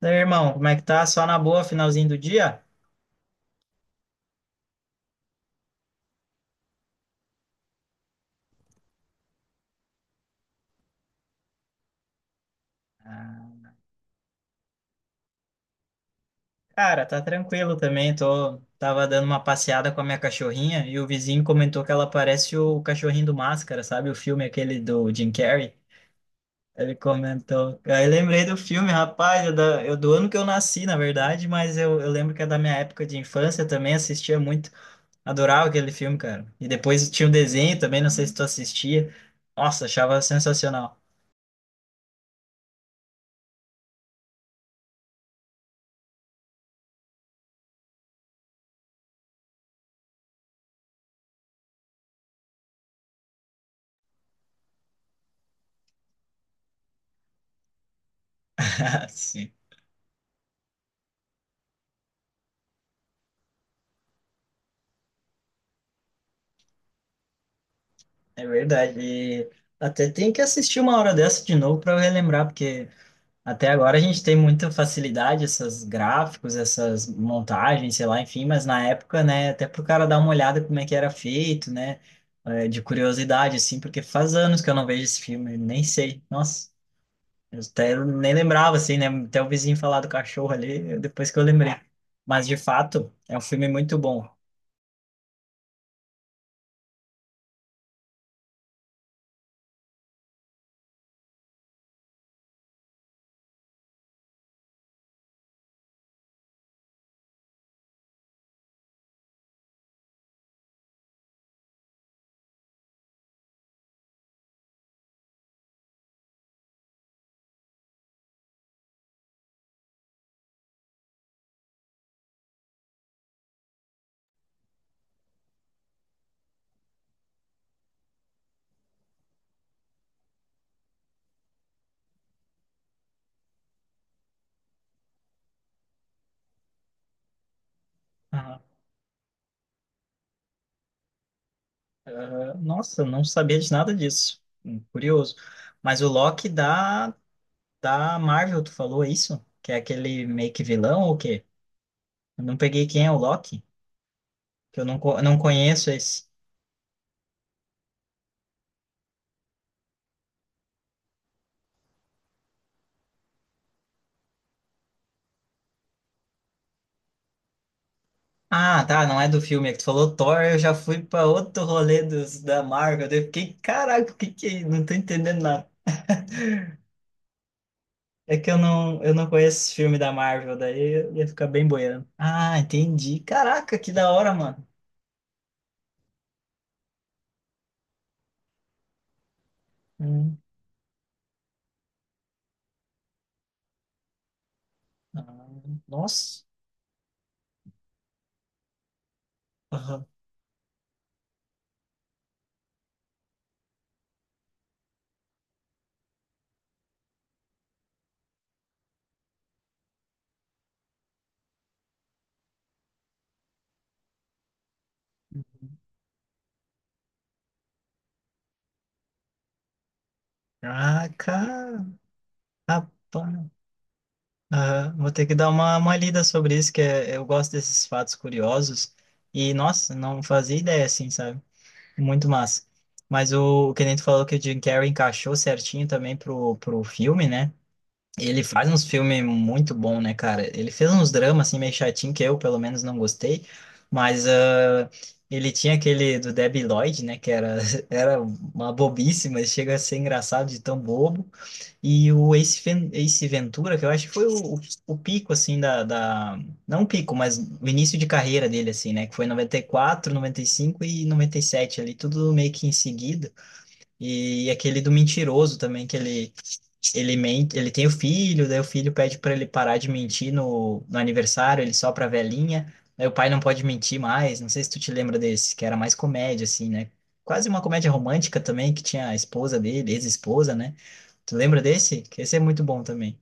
Daí, irmão, como é que tá? Só na boa, finalzinho do dia? Cara, tá tranquilo também. Tava dando uma passeada com a minha cachorrinha e o vizinho comentou que ela parece o cachorrinho do Máscara, sabe? O filme aquele do Jim Carrey. Ele comentou. Aí lembrei do filme, rapaz, eu do ano que eu nasci, na verdade, mas eu lembro que é da minha época de infância também, assistia muito. Adorava aquele filme, cara. E depois tinha um desenho também, não sei se tu assistia. Nossa, achava sensacional. É verdade. E até tem que assistir uma hora dessa de novo para relembrar, porque até agora a gente tem muita facilidade, esses gráficos, essas montagens, sei lá, enfim, mas na época, né, até pro cara dar uma olhada como é que era feito, né, é, de curiosidade, assim, porque faz anos que eu não vejo esse filme, nem sei. Nossa, eu até nem lembrava, assim, né, até o vizinho falar do cachorro ali, depois que eu lembrei. Mas, de fato, é um filme muito bom. Nossa, não sabia de nada disso. Curioso. Mas o Loki da Marvel, tu falou isso? Que é aquele meio que vilão ou o quê? Eu não peguei quem é o Loki, que eu não conheço esse. Ah, tá, não é do filme. É que tu falou Thor, eu já fui pra outro rolê da Marvel. Daí eu fiquei, caraca, o que que é isso? Não tô entendendo nada. É que eu não conheço esse filme da Marvel, daí eu ia ficar bem boiando. Ah, entendi. Caraca, que da hora, mano. Hum. Ah, nossa. Ah, cara, rapaz. Aham, vou ter que dar uma lida sobre isso, que é, eu gosto desses fatos curiosos. E, nossa, não fazia ideia assim, sabe? Muito massa. Mas o que nem tu falou que o Jim Carrey encaixou certinho também pro filme, né? Ele faz uns filmes muito bom, né, cara? Ele fez uns dramas, assim, meio chatinho, que eu, pelo menos, não gostei. Mas ele tinha aquele do Debi Lloyd, né? Que era, era uma bobice, mas chega a ser engraçado de tão bobo. E o Ace Ventura, que eu acho que foi o pico, assim, da, da... Não o pico, mas o início de carreira dele, assim, né? Que foi noventa e quatro, noventa e cinco e noventa e sete ali, tudo meio que em seguida. E aquele do mentiroso também, que ele mente, ele tem o filho, daí o filho pede para ele parar de mentir no aniversário, ele sopra a velhinha, daí o pai não pode mentir mais. Não sei se tu te lembra desse, que era mais comédia, assim, né? Quase uma comédia romântica também, que tinha a esposa dele, ex-esposa, né? Tu lembra desse? Que Esse é muito bom também.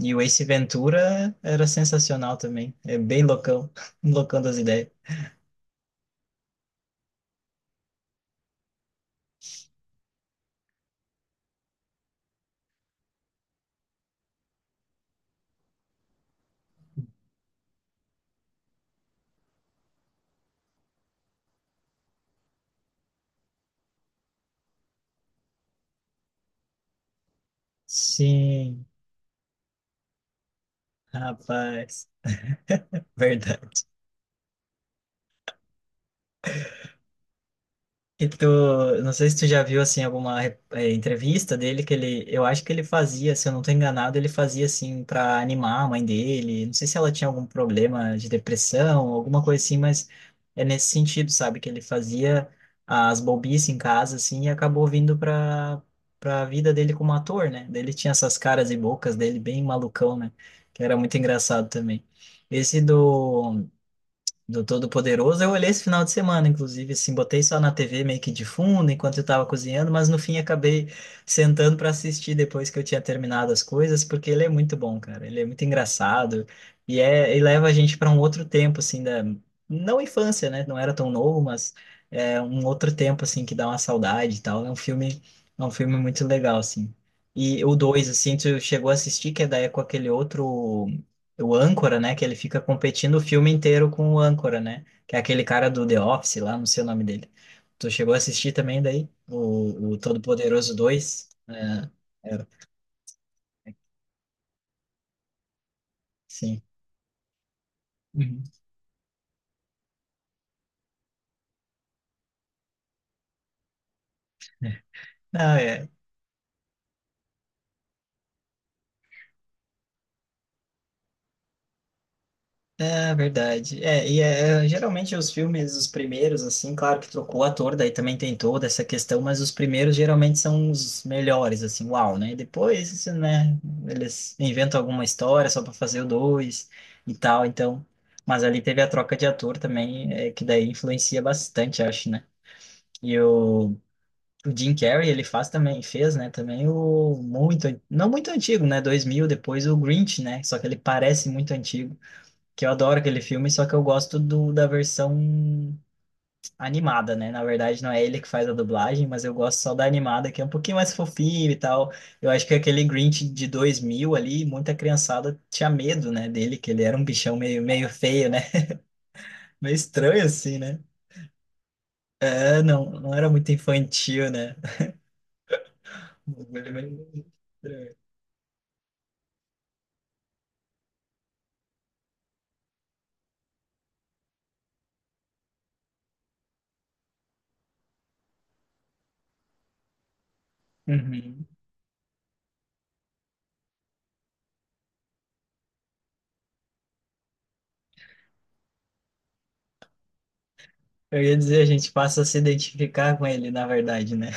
E o Ace Ventura era sensacional também. É bem loucão, loucão das ideias. Sim, rapaz. Verdade. E tu, não sei se tu já viu assim alguma entrevista dele que ele, eu acho que ele fazia, se eu não tô enganado, ele fazia assim para animar a mãe dele. Não sei se ela tinha algum problema de depressão, alguma coisa assim, mas é nesse sentido, sabe, que ele fazia as bobices em casa assim e acabou vindo para a vida dele como ator, né? Daí ele tinha essas caras e bocas dele bem malucão, né? Que era muito engraçado também. Esse do Todo-Poderoso. Eu olhei esse final de semana, inclusive, assim, botei só na TV meio que de fundo enquanto eu tava cozinhando, mas no fim acabei sentando para assistir depois que eu tinha terminado as coisas, porque ele é muito bom, cara. Ele é muito engraçado e leva a gente para um outro tempo, assim, da não infância, né? Não era tão novo, mas é um outro tempo assim que dá uma saudade e tal. É um filme muito legal, assim. E o dois assim, tu chegou a assistir, que é daí é com aquele outro o âncora, né? Que ele fica competindo o filme inteiro com o âncora, né? Que é aquele cara do The Office lá, não sei o nome dele. Tu chegou a assistir também daí? O Todo-Poderoso dois. É, é, sim. Uhum. Não, é, é verdade. Geralmente os filmes, os primeiros, assim, claro que trocou o ator, daí também tem toda essa questão, mas os primeiros geralmente são os melhores, assim, uau, né? Depois, isso, né, eles inventam alguma história só para fazer o dois e tal, então. Mas ali teve a troca de ator também, é, que daí influencia bastante, acho, né? E o Jim Carrey, ele faz também, fez, né, também o muito, não muito antigo, né, dois mil, depois o Grinch, né? Só que ele parece muito antigo, que eu adoro aquele filme, só que eu gosto do, da versão animada, né? Na verdade, não é ele que faz a dublagem, mas eu gosto só da animada, que é um pouquinho mais fofinho e tal. Eu acho que aquele Grinch de 2000 ali, muita criançada tinha medo, né, dele, que ele era um bichão meio, meio feio, né? Meio estranho assim, né? É, não, não era muito infantil, né? Um bagulho meio estranho. Uhum. Eu ia dizer, a gente passa a se identificar com ele, na verdade, né?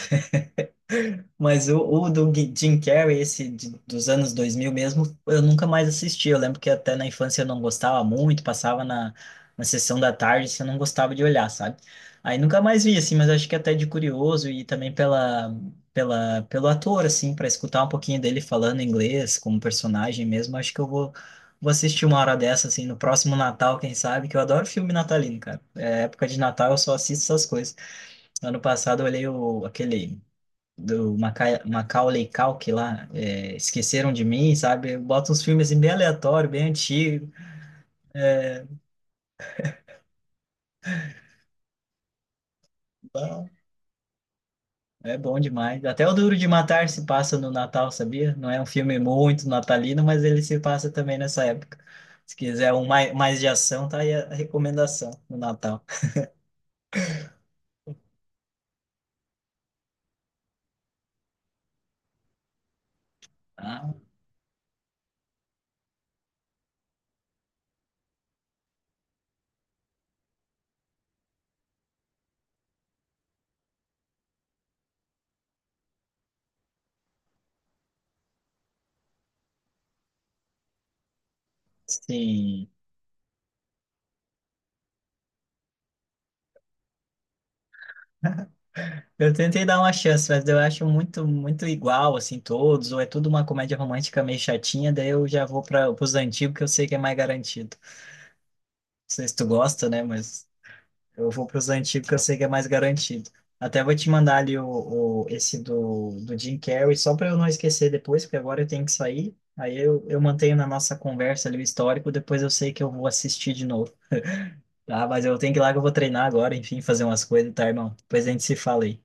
Mas o do Jim Carrey, esse dos anos 2000 mesmo, eu nunca mais assisti. Eu lembro que até na infância eu não gostava muito, passava na sessão da tarde, assim, eu não gostava de olhar, sabe? Aí nunca mais vi, assim, mas acho que até de curioso e também pelo ator, assim, para escutar um pouquinho dele falando inglês como personagem mesmo, acho que vou assistir uma hora dessa, assim, no próximo Natal, quem sabe, que eu adoro filme natalino, cara. É, época de Natal eu só assisto essas coisas. Ano passado eu olhei o, aquele do Macaulay Culkin lá, é, Esqueceram de Mim, sabe? Bota uns filmes assim, bem aleatórios, bem antigos. Bom, é bom demais. Até o Duro de Matar se passa no Natal, sabia? Não é um filme muito natalino, mas ele se passa também nessa época. Se quiser um mais, mais de ação, tá aí a recomendação no Natal. Ah, sim. Eu tentei dar uma chance, mas eu acho muito, muito igual, assim, todos, ou é tudo uma comédia romântica meio chatinha, daí eu já vou para os antigos que eu sei que é mais garantido. Sei se tu gosta, né? Mas eu vou para os antigos que eu sei que é mais garantido. Até vou te mandar ali esse do Jim Carrey, só para eu não esquecer depois, porque agora eu tenho que sair. Aí eu mantenho na nossa conversa ali o histórico, depois eu sei que eu vou assistir de novo. Tá, mas eu tenho que ir lá que eu vou treinar agora, enfim, fazer umas coisas, tá, irmão? Depois a gente se fala aí.